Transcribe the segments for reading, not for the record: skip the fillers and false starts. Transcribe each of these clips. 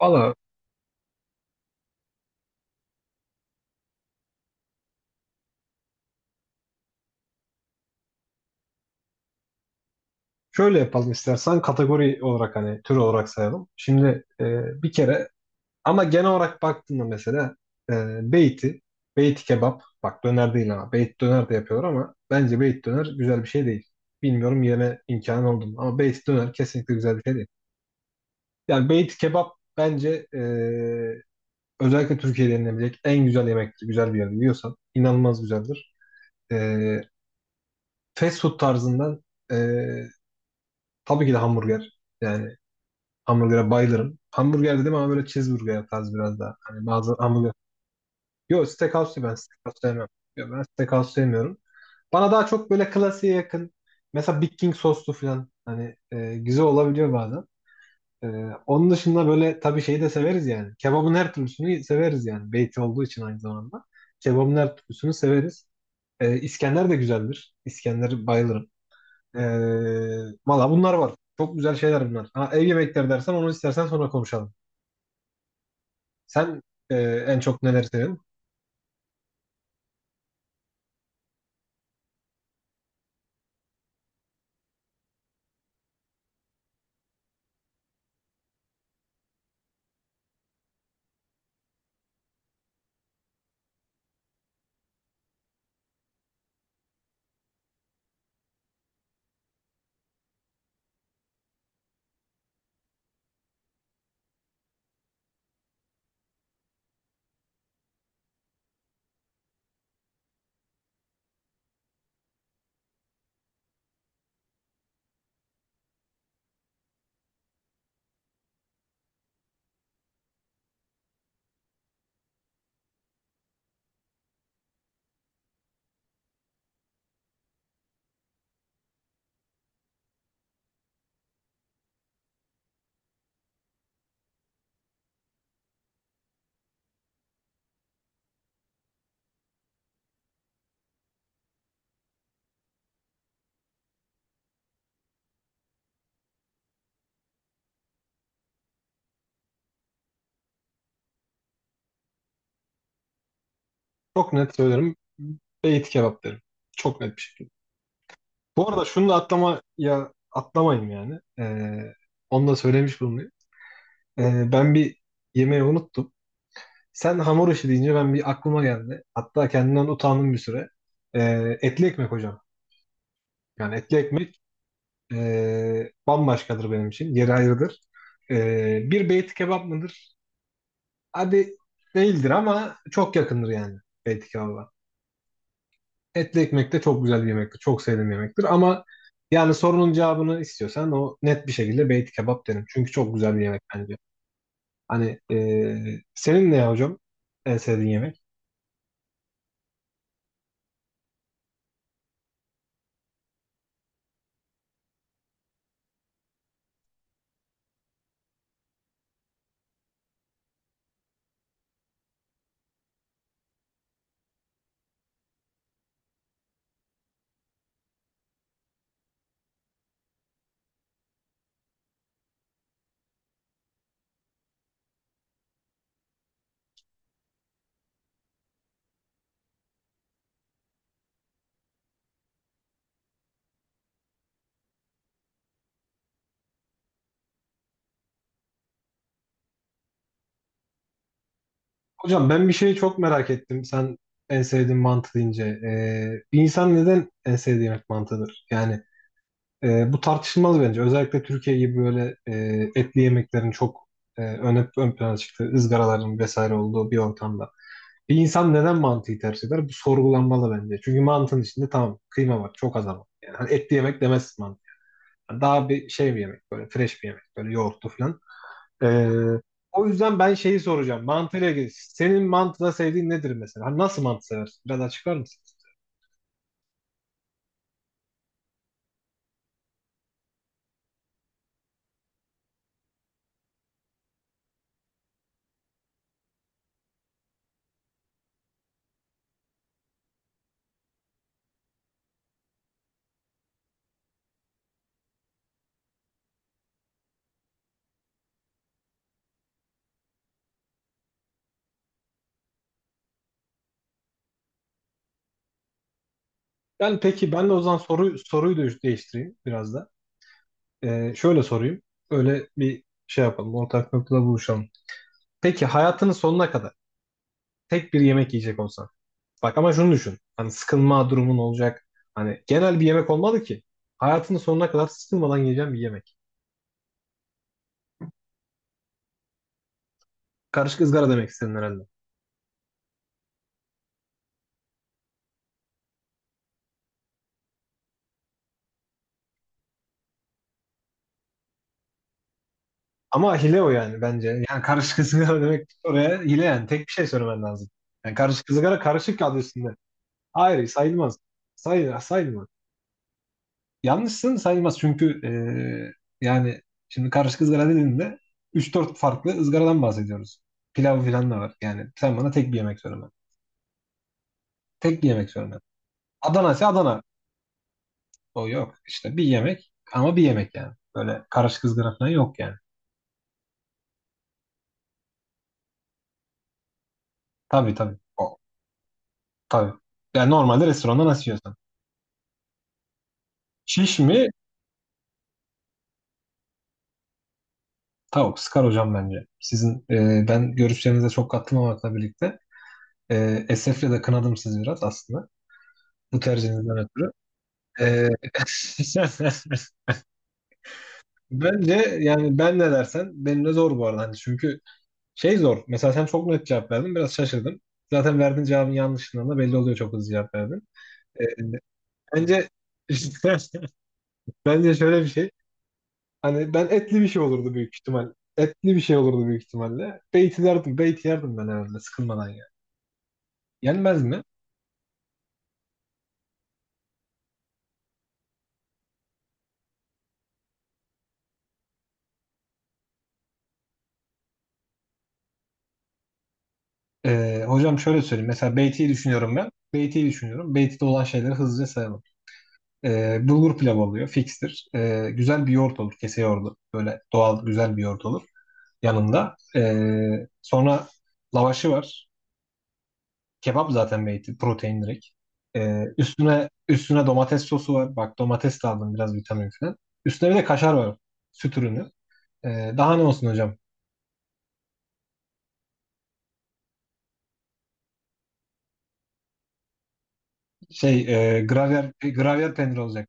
Valla şöyle yapalım istersen kategori olarak hani tür olarak sayalım. Şimdi bir kere ama genel olarak baktığında mesela e, beyti, beyti kebap, bak döner değil ama beyt döner de yapıyor, ama bence beyt döner güzel bir şey değil. Bilmiyorum yeme imkanı oldu mu, ama beyt döner kesinlikle güzel bir şey değil. Yani beyti kebap bence özellikle Türkiye'de yenilebilecek en güzel yemektir. Güzel bir yerde yiyorsan inanılmaz güzeldir. E, Fast food tarzından e, tabii ki de hamburger. Yani hamburger'e bayılırım. Hamburger dedim ama böyle cheeseburger tarzı biraz daha. Hani bazı hamburger. Yok, steakhouse değil, ben steakhouse sevmem. Yok, ben steakhouse sevmiyorum. Bana daha çok böyle klasiğe yakın. Mesela Big King soslu falan. Hani güzel olabiliyor bazen. E, Onun dışında böyle tabii şeyi de severiz yani. Kebabın her türlüsünü severiz yani. Beyti olduğu için aynı zamanda. Kebabın her türlüsünü severiz. İskender de güzeldir. İskender bayılırım. E, Valla bunlar var. Çok güzel şeyler bunlar. Ha, ev yemekleri dersen onu istersen sonra konuşalım. Sen e, en çok neleri seviyorsun? Çok net söylerim. Beyti kebap derim. Çok net bir şekilde. Bu arada şunu da atlama ya atlamayayım yani. Onu da söylemiş bulunayım. Ben bir yemeği unuttum. Sen hamur işi deyince ben bir aklıma geldi. Hatta kendimden utandım bir süre. E, Etli ekmek hocam. Yani etli ekmek bambaşkadır benim için. Yeri ayrıdır. E, Bir, beyti kebap mıdır? Hadi değildir ama çok yakındır yani beyti kebaba. Etli ekmek de çok güzel bir yemektir. Çok sevdiğim bir yemektir. Ama yani sorunun cevabını istiyorsan o net bir şekilde beyti kebap derim. Çünkü çok güzel bir yemek bence. Hani senin ne ya hocam en sevdiğin yemek? Hocam ben bir şeyi çok merak ettim. Sen en sevdiğin mantı deyince. Bir insan neden en sevdiği yemek mantıdır? Yani bu tartışılmalı bence. Özellikle Türkiye gibi böyle etli yemeklerin çok ön plana çıktığı, ızgaraların vesaire olduğu bir ortamda. Bir insan neden mantıyı tercih eder? Bu sorgulanmalı bence. Çünkü mantının içinde, tamam, kıyma var, çok az ama. Yani hani etli yemek demezsin mantı. Daha bir şey, bir yemek, böyle fresh bir yemek, böyle yoğurtlu falan. E, O yüzden ben şeyi soracağım. Mantıyla ilgili. Senin mantıda sevdiğin nedir mesela? Hani nasıl mantı seversin? Biraz açıklar mısın? Ben peki, ben de o zaman soruyu da değiştireyim biraz da. Şöyle sorayım. Öyle bir şey yapalım. Ortak noktada buluşalım. Peki hayatının sonuna kadar tek bir yemek yiyecek olsan. Bak ama şunu düşün. Hani sıkılma durumun olacak. Hani genel bir yemek olmalı ki. Hayatının sonuna kadar sıkılmadan yiyeceğim bir yemek. Karışık ızgara demek istedin herhalde. Ama hile o yani bence. Yani karışık ızgara demek oraya hile yani. Tek bir şey söylemen lazım. Yani karışık ızgara, karışık adı üstünde. Hayır, sayılmaz. Sayılmaz. Sayılmaz. Yanlışsın, sayılmaz çünkü yani şimdi karışık ızgara dediğinde üç dört farklı ızgaradan bahsediyoruz. Pilav filan da var. Yani sen bana tek bir yemek söyleme. Tek bir yemek söyleme. Adana ise Adana. O yok. İşte bir yemek ama bir yemek yani. Böyle karışık ızgara falan yok yani. Tabii tabii. O, tabii. Yani normalde restoranda nasıl yiyorsan. Şiş mi? Tavuk. Sıkar hocam bence. Sizin ben görüşlerinize çok katılmamakla birlikte esefle de kınadım sizi biraz aslında. Bu tercihinizden ötürü. Ee, bence yani ben ne dersen benim de zor bu arada. Hani çünkü şey zor. Mesela sen çok net cevap verdin. Biraz şaşırdım. Zaten verdiğin cevabın yanlışından da belli oluyor, çok hızlı cevap verdin. Ee, Bence bence şöyle bir şey. Hani ben etli bir şey olurdu büyük ihtimal. Etli bir şey olurdu büyük ihtimalle. Beyti derdim. Beyti yerdim ben herhalde sıkılmadan ya. Yenmez mi? Hocam şöyle söyleyeyim. Mesela beytiyi düşünüyorum ben. Beytiyi düşünüyorum. Beyti'de olan şeyleri hızlıca sayalım. Bulgur pilavı oluyor. Fikstir. Güzel bir yoğurt olur. Kese yoğurdu. Böyle doğal güzel bir yoğurt olur yanında. Sonra lavaşı var. Kebap zaten beyti. Protein direkt. Üstüne, üstüne domates sosu var. Bak domates de aldım, biraz vitamin falan. Üstüne bir de kaşar var. Süt ürünü. Daha ne olsun hocam? Şey gravyer peyniri olacak.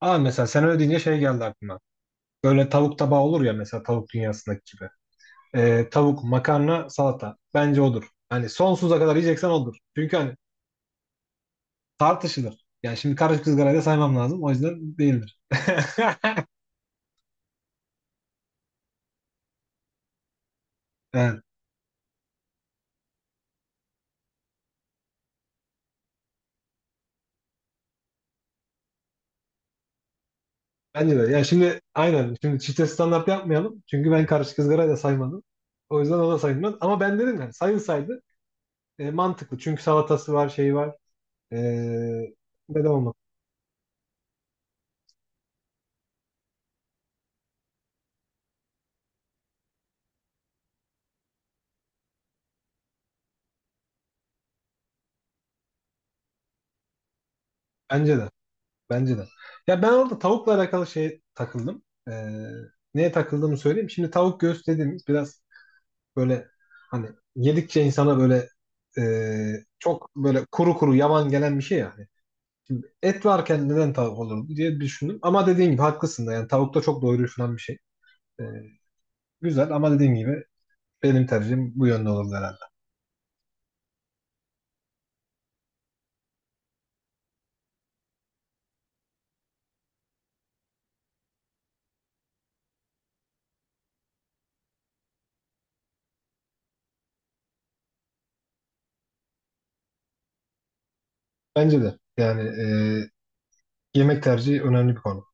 Aa, mesela sen öyle deyince şey geldi aklıma. Böyle tavuk tabağı olur ya, mesela tavuk dünyasındaki gibi. Tavuk, makarna, salata. Bence odur. Hani sonsuza kadar yiyeceksen odur. Çünkü hani tartışılır. Yani şimdi karışık ızgarayı da saymam lazım. O yüzden değildir. Evet. Bence de. Ya şimdi aynen. Şimdi çifte standart yapmayalım. Çünkü ben karışık ızgarayı da saymadım. O yüzden o da sayılmaz. Ama ben dedim yani sayılsaydı mantıklı. Çünkü salatası var, şeyi var. E, Neden olmaz? Bence de. Bence de. Ya ben orada tavukla alakalı şey takıldım. Neye takıldığımı söyleyeyim. Şimdi tavuk göğüs dediğimiz biraz böyle, hani, yedikçe insana böyle çok böyle kuru kuru, yavan gelen bir şey yani. Şimdi et varken neden tavuk olur diye düşündüm. Ama dediğin gibi haklısın da, yani tavuk da çok doyurucu falan bir şey. E, Güzel ama dediğin gibi benim tercihim bu yönde olurdu herhalde. Bence de yani yemek tercihi önemli bir konu.